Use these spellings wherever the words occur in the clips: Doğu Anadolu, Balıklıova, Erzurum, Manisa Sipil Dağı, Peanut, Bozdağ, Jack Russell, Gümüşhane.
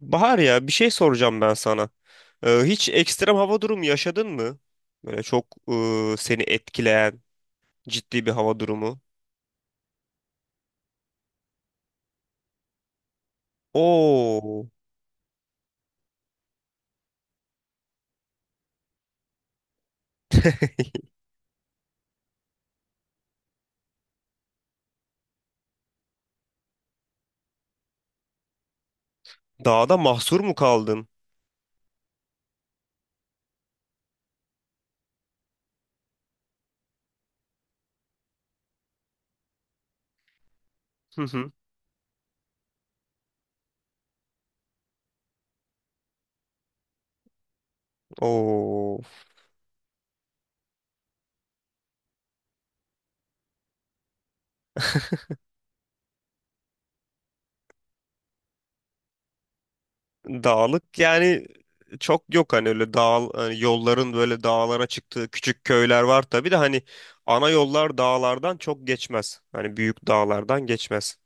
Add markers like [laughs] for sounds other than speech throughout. Bahar ya bir şey soracağım ben sana. Hiç ekstrem hava durumu yaşadın mı? Böyle çok seni etkileyen ciddi bir hava durumu. Oo, dağda mahsur mu kaldın? Hı hı. Oo, dağlık yani çok yok, hani öyle dağ, hani yolların böyle dağlara çıktığı küçük köyler var tabii de hani ana yollar dağlardan çok geçmez. Hani büyük dağlardan geçmez.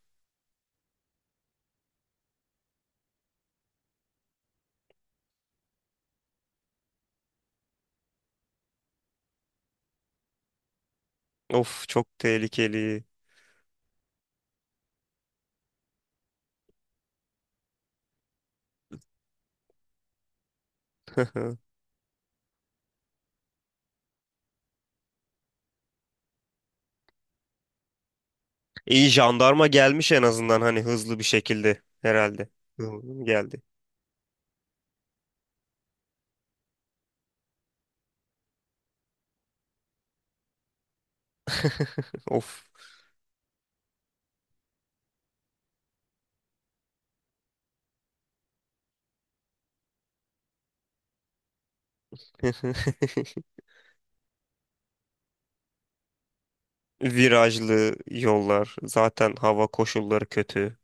Of, çok tehlikeli. [laughs] İyi, jandarma gelmiş en azından, hani hızlı bir şekilde herhalde. Hızlı geldi. [laughs] Of. [laughs] Virajlı yollar. Zaten hava koşulları kötü.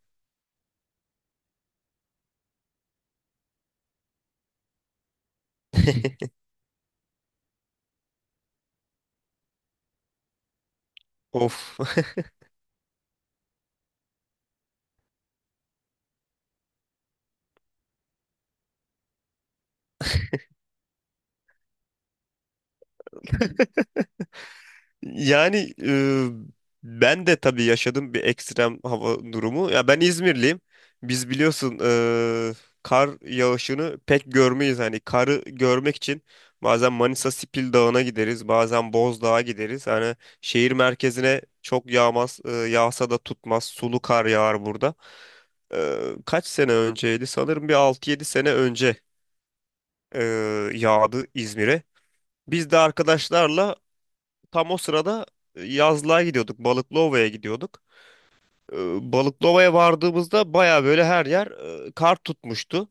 Of. Yani ben de tabii yaşadım bir ekstrem hava durumu. Ya ben İzmirliyim. Biz biliyorsun kar yağışını pek görmeyiz. Hani karı görmek için bazen Manisa Sipil Dağı'na gideriz, bazen Bozdağ'a gideriz. Hani şehir merkezine çok yağmaz, yağsa da tutmaz. Sulu kar yağar burada. E, Kaç sene önceydi? Sanırım bir altı yedi sene önce e, yağdı İzmir'e. Biz de arkadaşlarla. Tam o sırada yazlığa gidiyorduk. Balıklıova'ya gidiyorduk. Balıklıova'ya vardığımızda baya böyle her yer kar tutmuştu.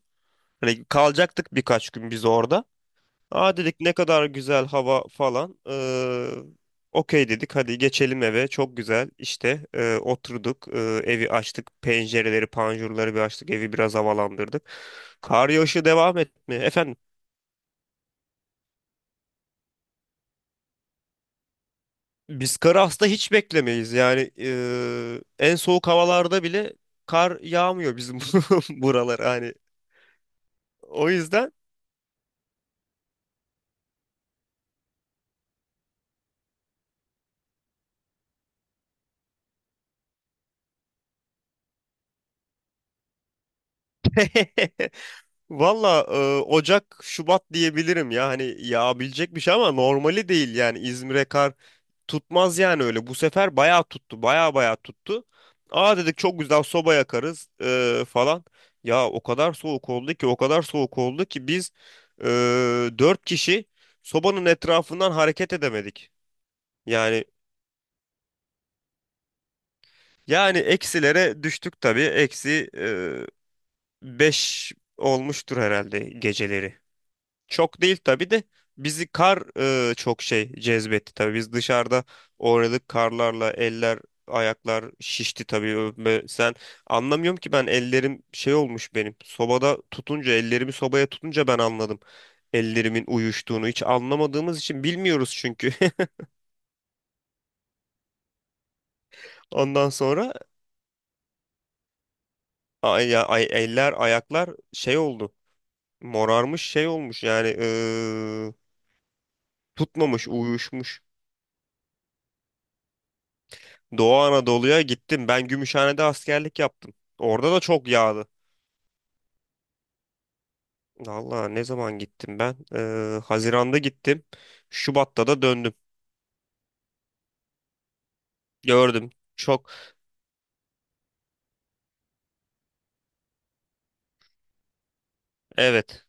Hani kalacaktık birkaç gün biz orada. Aa, dedik ne kadar güzel hava falan. Okey, dedik hadi geçelim eve. Çok güzel işte, oturduk. Evi açtık. Pencereleri, panjurları bir açtık. Evi biraz havalandırdık. Kar yağışı devam etmiyor. Efendim? Biz karı aslında hiç beklemeyiz. Yani en soğuk havalarda bile kar yağmıyor bizim [laughs] buralar hani. O yüzden [laughs] valla Ocak, Şubat diyebilirim ya. Hani yağabilecek bir şey ama normali değil yani. İzmir'e kar tutmaz yani öyle. Bu sefer bayağı tuttu. Bayağı bayağı tuttu. Aa, dedik çok güzel, soba yakarız falan. Ya o kadar soğuk oldu ki, o kadar soğuk oldu ki biz eee 4 kişi sobanın etrafından hareket edemedik. Yani yani eksilere düştük tabii. Eksi 5 olmuştur herhalde geceleri. Çok değil tabii de bizi kar çok şey cezbetti tabii. Biz dışarıda oynadık karlarla, eller ayaklar şişti tabii. Ve sen, anlamıyorum ki, ben ellerim şey olmuş benim. Sobada tutunca, ellerimi sobaya tutunca ben anladım. Ellerimin uyuştuğunu hiç anlamadığımız için, bilmiyoruz çünkü. [laughs] Ondan sonra ay, eller ayaklar şey oldu. Morarmış, şey olmuş yani tutmamış, uyuşmuş. Doğu Anadolu'ya gittim. Ben Gümüşhane'de askerlik yaptım. Orada da çok yağdı. Valla, ne zaman gittim ben? Haziran'da gittim. Şubat'ta da döndüm. Gördüm. Çok, evet.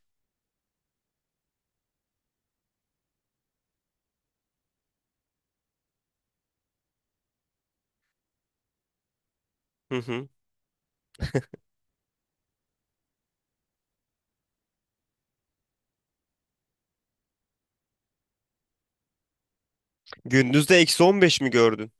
Hı hı. Gündüzde eksi 15 mi gördün?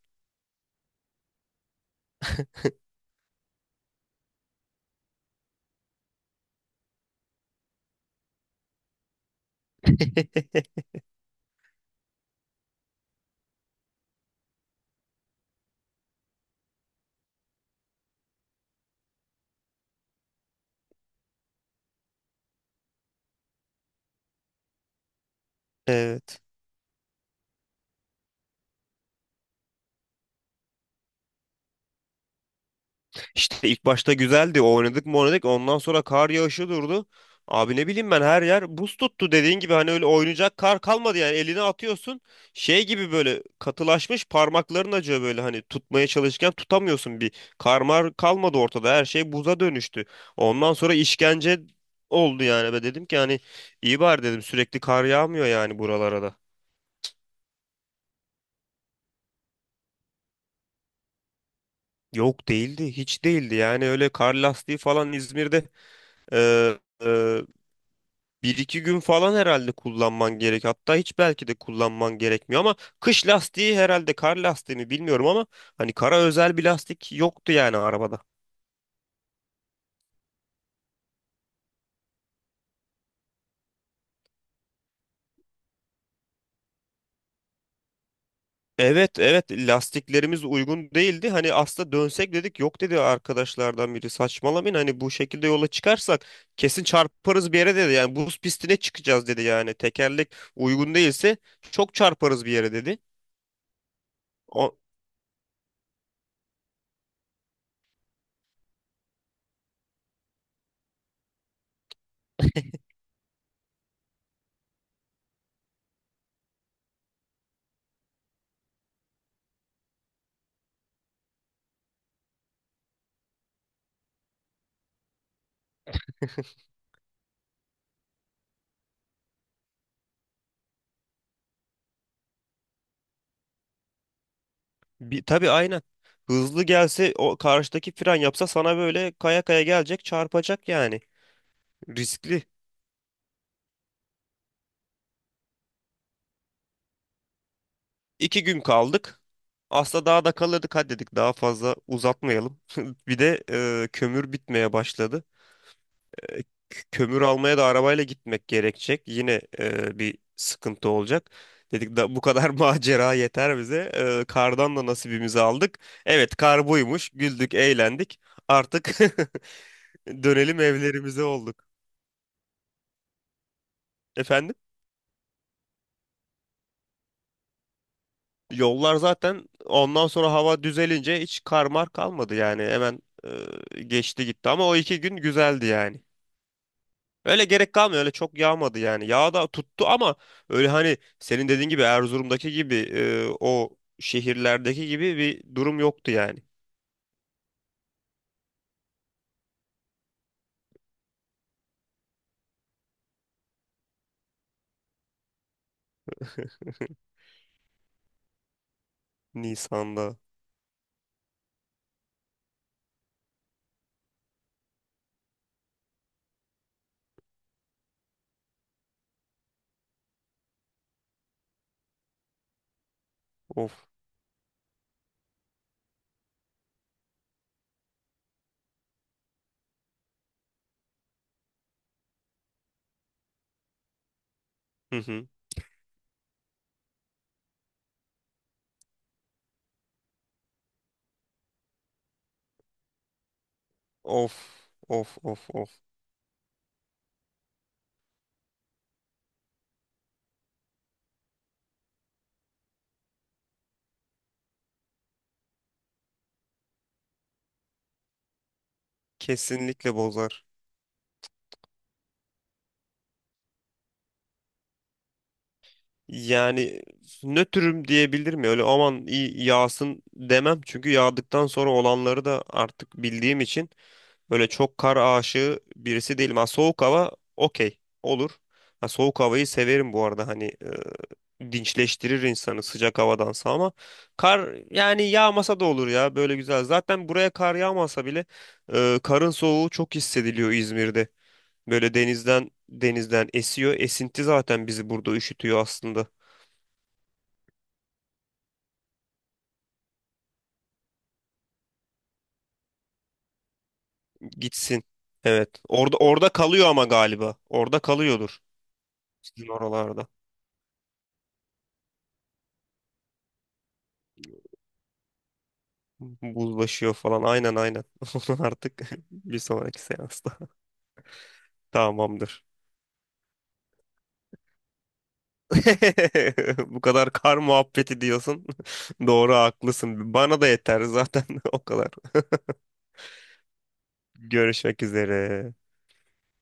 [laughs] Evet. İşte ilk başta güzeldi. Oynadık mı oynadık. Ondan sonra kar yağışı durdu. Abi, ne bileyim ben, her yer buz tuttu, dediğin gibi hani öyle oynayacak kar kalmadı yani, eline atıyorsun şey gibi, böyle katılaşmış, parmakların acıyor, böyle hani tutmaya çalışırken tutamıyorsun, bir karmar kalmadı ortada, her şey buza dönüştü, ondan sonra işkence oldu yani. Ben dedim ki hani, iyi bari, dedim, sürekli kar yağmıyor yani buralara da. Yok, değildi, hiç değildi yani, öyle kar lastiği falan İzmir'de. e, e, Bir iki gün falan herhalde kullanman gerek. Hatta hiç, belki de kullanman gerekmiyor, ama kış lastiği herhalde, kar lastiği mi, bilmiyorum ama hani kara özel bir lastik yoktu yani arabada. Evet, evet, lastiklerimiz uygun değildi. Hani aslında dönsek, dedik yok, dedi arkadaşlardan biri, saçmalamayın, hani bu şekilde yola çıkarsak kesin çarparız bir yere, dedi. Yani buz pistine çıkacağız, dedi, yani tekerlek uygun değilse çok çarparız bir yere, dedi. O- Bir, tabii, aynen. Hızlı gelse, o karşıdaki fren yapsa, sana böyle kaya kaya gelecek, çarpacak yani. Riskli. 2 gün kaldık. Aslında daha da kalırdık, hadi dedik, daha fazla uzatmayalım. [laughs] Bir de kömür bitmeye başladı. Kömür almaya da arabayla gitmek gerekecek. Yine bir sıkıntı olacak. Dedik da bu kadar [laughs] macera yeter bize. Kardan da nasibimizi aldık. Evet, kar buymuş. Güldük, eğlendik. Artık [laughs] dönelim evlerimize, olduk. Efendim? Yollar zaten ondan sonra hava düzelince hiç karmar kalmadı yani, hemen geçti gitti, ama o 2 gün güzeldi yani. Öyle gerek kalmıyor, öyle çok yağmadı yani. Yağ da tuttu ama öyle hani senin dediğin gibi Erzurum'daki gibi o şehirlerdeki gibi bir durum yoktu yani. [laughs] Nisan'da. Of. Hı hı. Of, of, of, of. Kesinlikle bozar. Yani nötrüm diyebilir mi? Öyle aman, iyi yağsın, demem. Çünkü yağdıktan sonra olanları da artık bildiğim için, böyle çok kar aşığı birisi değilim. Ha, soğuk hava okey olur. Ha, soğuk havayı severim bu arada, hani dinçleştirir insanı sıcak havadansa, ama kar yani yağmasa da olur ya, böyle güzel. Zaten buraya kar yağmasa bile, karın soğuğu çok hissediliyor İzmir'de. Böyle denizden, denizden esiyor. Esinti zaten bizi burada üşütüyor aslında. Gitsin. Evet. Orada, orada kalıyor ama galiba. Orada kalıyordur. Sizin oralarda. Buzlaşıyor falan. Aynen, aynen. [laughs] Onu artık [laughs] bir sonraki seansta. Tamamdır. [laughs] Bu kadar kar muhabbeti diyorsun. [laughs] Doğru, haklısın. Bana da yeter zaten [laughs] o kadar. Görüşmek üzere.